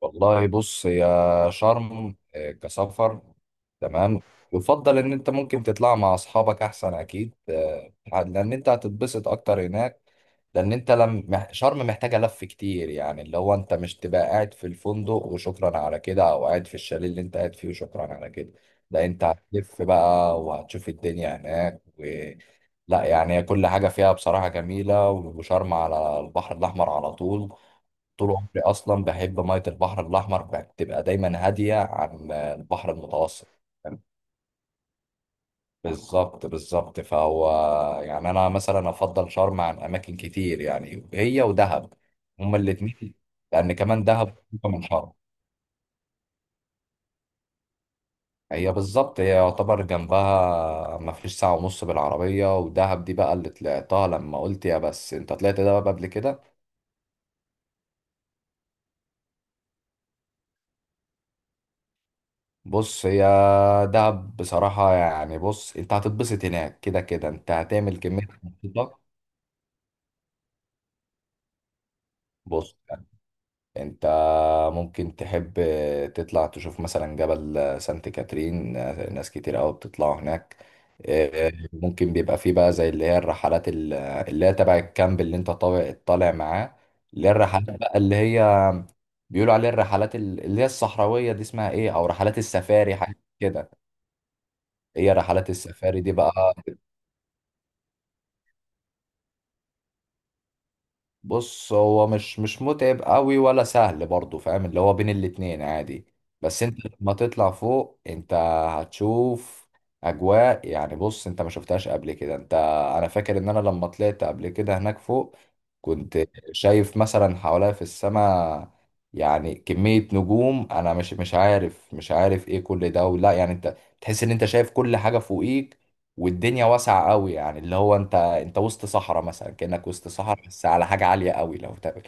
والله، بص. هي شرم كسفر. تمام. يفضل ان انت ممكن تطلع مع اصحابك احسن، اكيد لان انت هتتبسط اكتر هناك. لان انت لم مح- شرم محتاجه لف كتير، يعني اللي هو انت مش تبقى قاعد في الفندق وشكرا على كده، او قاعد في الشاليه اللي انت قاعد فيه وشكرا على كده. ده انت هتلف بقى وهتشوف الدنيا هناك. لا، يعني كل حاجه فيها بصراحه جميله، وشرم على البحر الاحمر على طول. طول عمري اصلا بحب ميه البحر الاحمر بتبقى دايما هاديه عن البحر المتوسط. بالظبط بالظبط. فهو يعني انا مثلا افضل شرم عن اماكن كتير، يعني هي ودهب، هما الاتنين. لان كمان دهب قريبة من شرم. هي بالظبط، هي يعتبر جنبها، ما فيش ساعه ونص بالعربيه. ودهب دي بقى اللي طلعتها لما قلت، يا بس انت طلعت دهب قبل كده. بص، هي دهب بصراحة، يعني بص، انت هتتبسط هناك كده كده، انت هتعمل كمية أنشطة. بص يعني، انت ممكن تحب تطلع تشوف مثلا جبل سانت كاترين. ناس كتير قوي بتطلعوا هناك. اه، ممكن بيبقى فيه بقى زي اللي هي الرحلات اللي هي تبع الكامب اللي انت طالع معاه. اللي هي الرحلات بقى، اللي هي بيقولوا عليها الرحلات اللي هي الصحراوية، دي اسمها ايه، او رحلات السفاري حاجة كده. هي رحلات السفاري دي بقى. بص هو مش متعب قوي ولا سهل برضه، فاهم؟ اللي هو بين الاتنين عادي. بس انت لما تطلع فوق انت هتشوف اجواء، يعني بص انت ما شفتهاش قبل كده. انت، انا فاكر ان انا لما طلعت قبل كده هناك فوق كنت شايف مثلا حواليا في السماء، يعني كمية نجوم، انا مش عارف ايه كل ده، ولا يعني انت تحس ان انت شايف كل حاجة فوقيك، والدنيا واسعة قوي. يعني اللي هو انت وسط صحراء مثلا، كأنك وسط صحراء بس على حاجة عالية قوي، لو تقبل.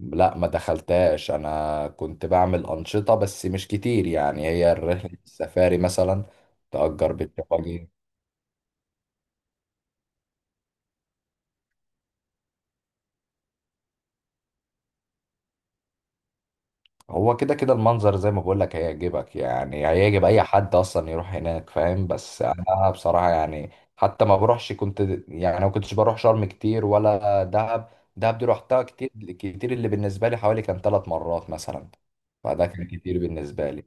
لا، ما دخلتهاش. انا كنت بعمل أنشطة بس مش كتير، يعني هي الرحلة السفاري مثلا تأجر بالتفاجئ. هو كده كده المنظر، زي ما بقول لك هيعجبك، يعني هيعجب اي حد اصلا يروح هناك، فاهم؟ بس انا بصراحة، يعني حتى ما بروحش كنت، يعني ما كنتش بروح شرم كتير ولا دهب. دهب دي روحتها كتير كتير، اللي بالنسبة لي حوالي كان 3 مرات مثلا، فده كان كتير بالنسبة لي.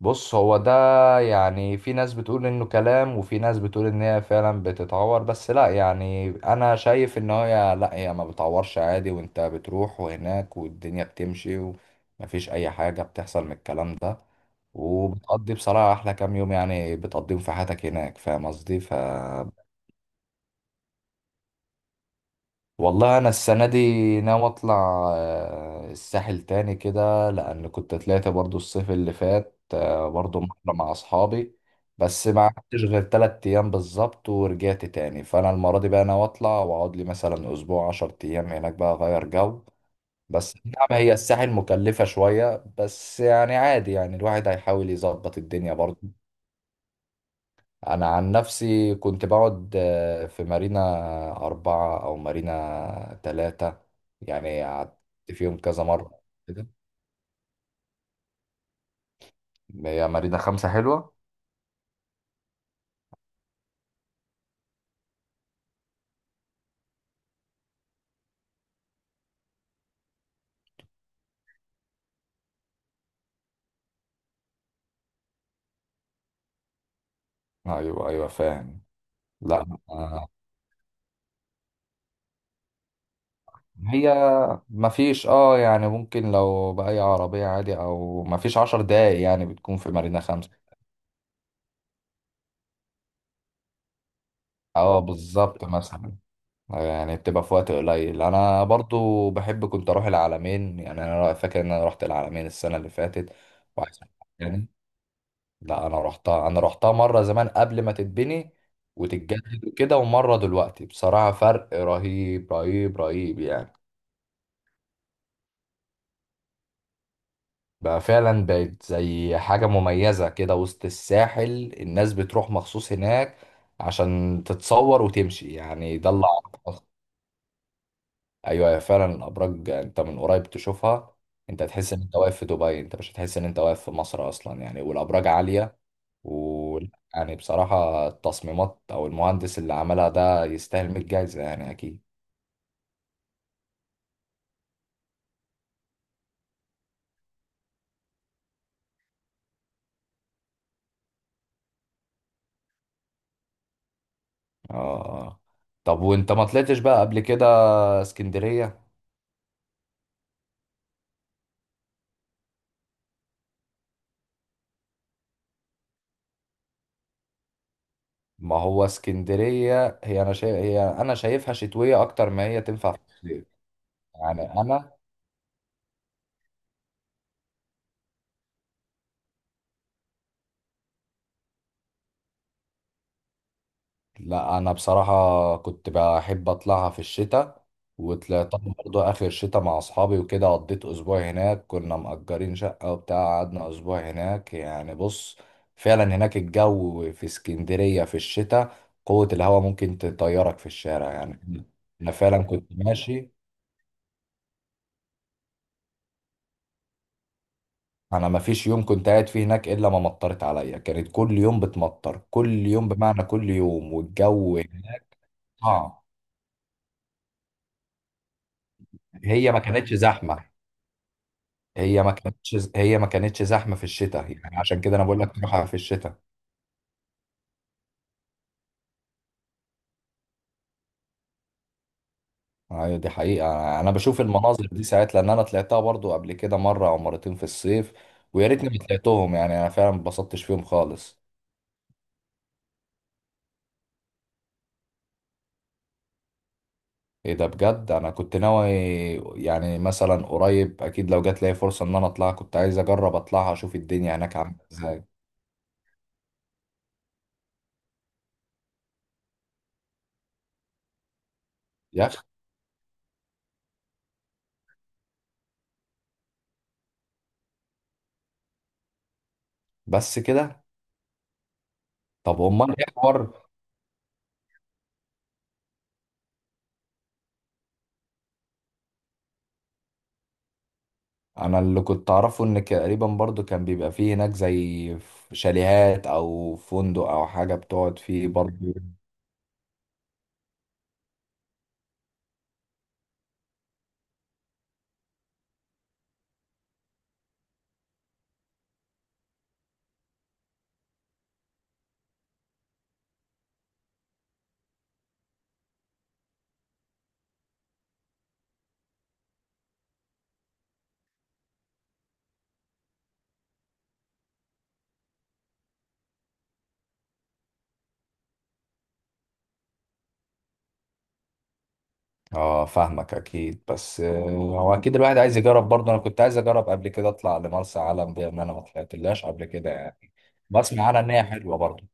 بص هو ده، يعني في ناس بتقول انه كلام، وفي ناس بتقول ان هي فعلا بتتعور. بس لا، يعني انا شايف ان هي، لا، هي ما بتعورش عادي، وانت بتروح وهناك والدنيا بتمشي، ومفيش اي حاجة بتحصل من الكلام ده. وبتقضي بصراحة احلى كام يوم، يعني بتقضيهم في حياتك هناك، فاهم قصدي؟ والله انا السنه دي ناوي اطلع الساحل تاني كده، لان كنت طلعت برضو الصيف اللي فات، برضو مرة مع اصحابي. بس ما قعدتش غير 3 ايام بالظبط ورجعت تاني. فانا المره دي بقى ناوي اطلع واقعد لي مثلا اسبوع، 10 ايام هناك بقى، اغير جو. بس نعم، هي الساحل مكلفه شويه، بس يعني عادي، يعني الواحد هيحاول يظبط الدنيا برضو. انا عن نفسي كنت بقعد في مارينا 4 او مارينا 3. يعني قعدت فيهم كذا مرة. كده، هي مارينا 5 حلوة. ايوه ايوه، فاهم. لا هي مفيش يعني، ممكن لو بأي عربية عادي، او مفيش 10 دقايق يعني بتكون في مارينا 5. اه بالظبط، مثلا يعني بتبقى في وقت قليل. انا برضو بحب كنت اروح العالمين، يعني انا فاكر ان انا رحت العالمين السنة اللي فاتت. وعايز، لا انا رحتها، مره زمان قبل ما تتبني وتتجدد وكده، ومره دلوقتي بصراحه فرق رهيب رهيب رهيب يعني. بقى فعلا بقت زي حاجه مميزه كده وسط الساحل، الناس بتروح مخصوص هناك عشان تتصور وتمشي يعني، ده اللي اعرفه. ايوه، هي فعلا الابراج انت من قريب تشوفها، انت تحس ان انت واقف في دبي، انت مش هتحس ان انت واقف في مصر اصلا يعني. والابراج عاليه و يعني بصراحة التصميمات أو المهندس اللي عملها ده يستاهل 100 جايزة يعني، أكيد. آه طب، وأنت ما طلعتش بقى قبل كده اسكندرية؟ ما هو اسكندرية، هي أنا شايفها شتوية أكتر، ما هي تنفع في الصيف. يعني أنا، لا انا بصراحه كنت بحب اطلعها في الشتاء، وطلعتها برضه اخر الشتاء مع اصحابي وكده. قضيت اسبوع هناك، كنا مأجرين شقه وبتاع، قعدنا اسبوع هناك يعني. بص، فعلا هناك الجو في اسكندريه في الشتاء، قوه الهواء ممكن تطيرك في الشارع يعني. انا فعلا كنت ماشي، انا ما فيش يوم كنت قاعد فيه هناك الا ما مطرت عليا، كانت كل يوم بتمطر، كل يوم بمعنى كل يوم، والجو هناك صعب. هي ما كانتش زحمه هي ما كانتش زحمه في الشتاء، يعني عشان كده انا بقول لك تروحها في الشتاء. أيوة دي حقيقه، انا بشوف المناظر دي ساعات، لان انا طلعتها برضو قبل كده مره او مرتين في الصيف، ويا ريتني ما طلعتهم يعني. انا فعلا ما اتبسطتش فيهم خالص. ايه ده، بجد انا كنت ناوي، يعني مثلا قريب اكيد لو جات لي فرصه ان انا اطلع، كنت عايز اجرب اطلعها اشوف الدنيا هناك عامله ازاي. يا اخي، بس كده؟ طب، امال ايه حوار؟ انا اللي كنت اعرفه ان تقريبا برضو كان بيبقى فيه هناك زي شاليهات او فندق او حاجه بتقعد فيه برضو. اه فاهمك اكيد، بس هو اكيد الواحد عايز يجرب برضو، انا كنت عايز اجرب قبل كده اطلع لمرسى علم دي، ان انا ما طلعتلهاش قبل كده يعني، بسمع عنها ان هي حلوه برضو.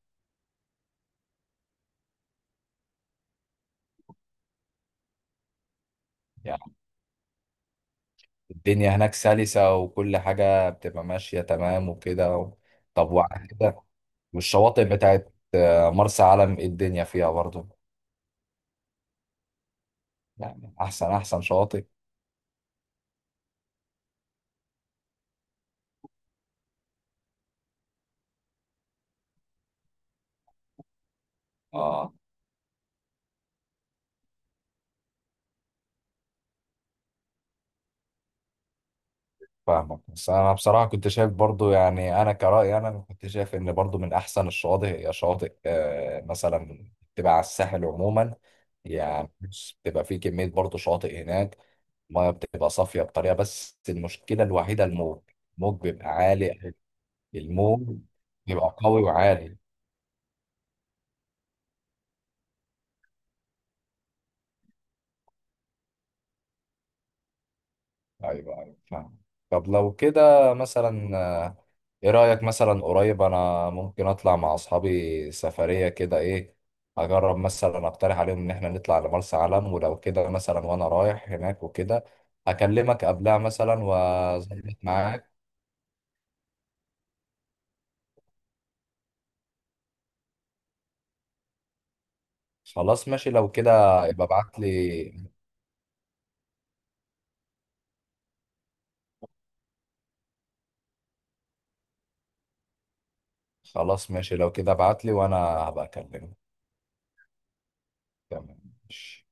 يعني الدنيا هناك سلسه وكل حاجه بتبقى ماشيه تمام وكده. طب، وعلى كده، والشواطئ بتاعت مرسى علم، إيه الدنيا فيها برضو؟ يعني احسن شواطئ. اه فاهمك، بس انا بصراحه كنت شايف برضو، يعني انا كرأي، انا كنت شايف ان برضو من احسن الشواطئ هي شواطئ مثلا تبقى على الساحل عموما. يعني بص، بتبقى في كميه برضو شواطئ هناك، الميه بتبقى صافيه بطريقه، بس المشكله الوحيده الموج. الموج بيبقى عالي، الموج بيبقى قوي وعالي. ايوه ايوه، فاهم. طب لو كده مثلا، ايه رأيك مثلا قريب انا ممكن اطلع مع اصحابي سفرية كده، ايه، اجرب مثلا اقترح عليهم ان احنا نطلع لمرسى علم؟ ولو كده مثلا وانا رايح هناك وكده، اكلمك قبلها مثلا واظبط معاك. خلاص ماشي لو كده، يبقى ابعت لي. خلاص ماشي لو كده، ابعت لي وانا هبقى اكلمك. تمام، ماشي.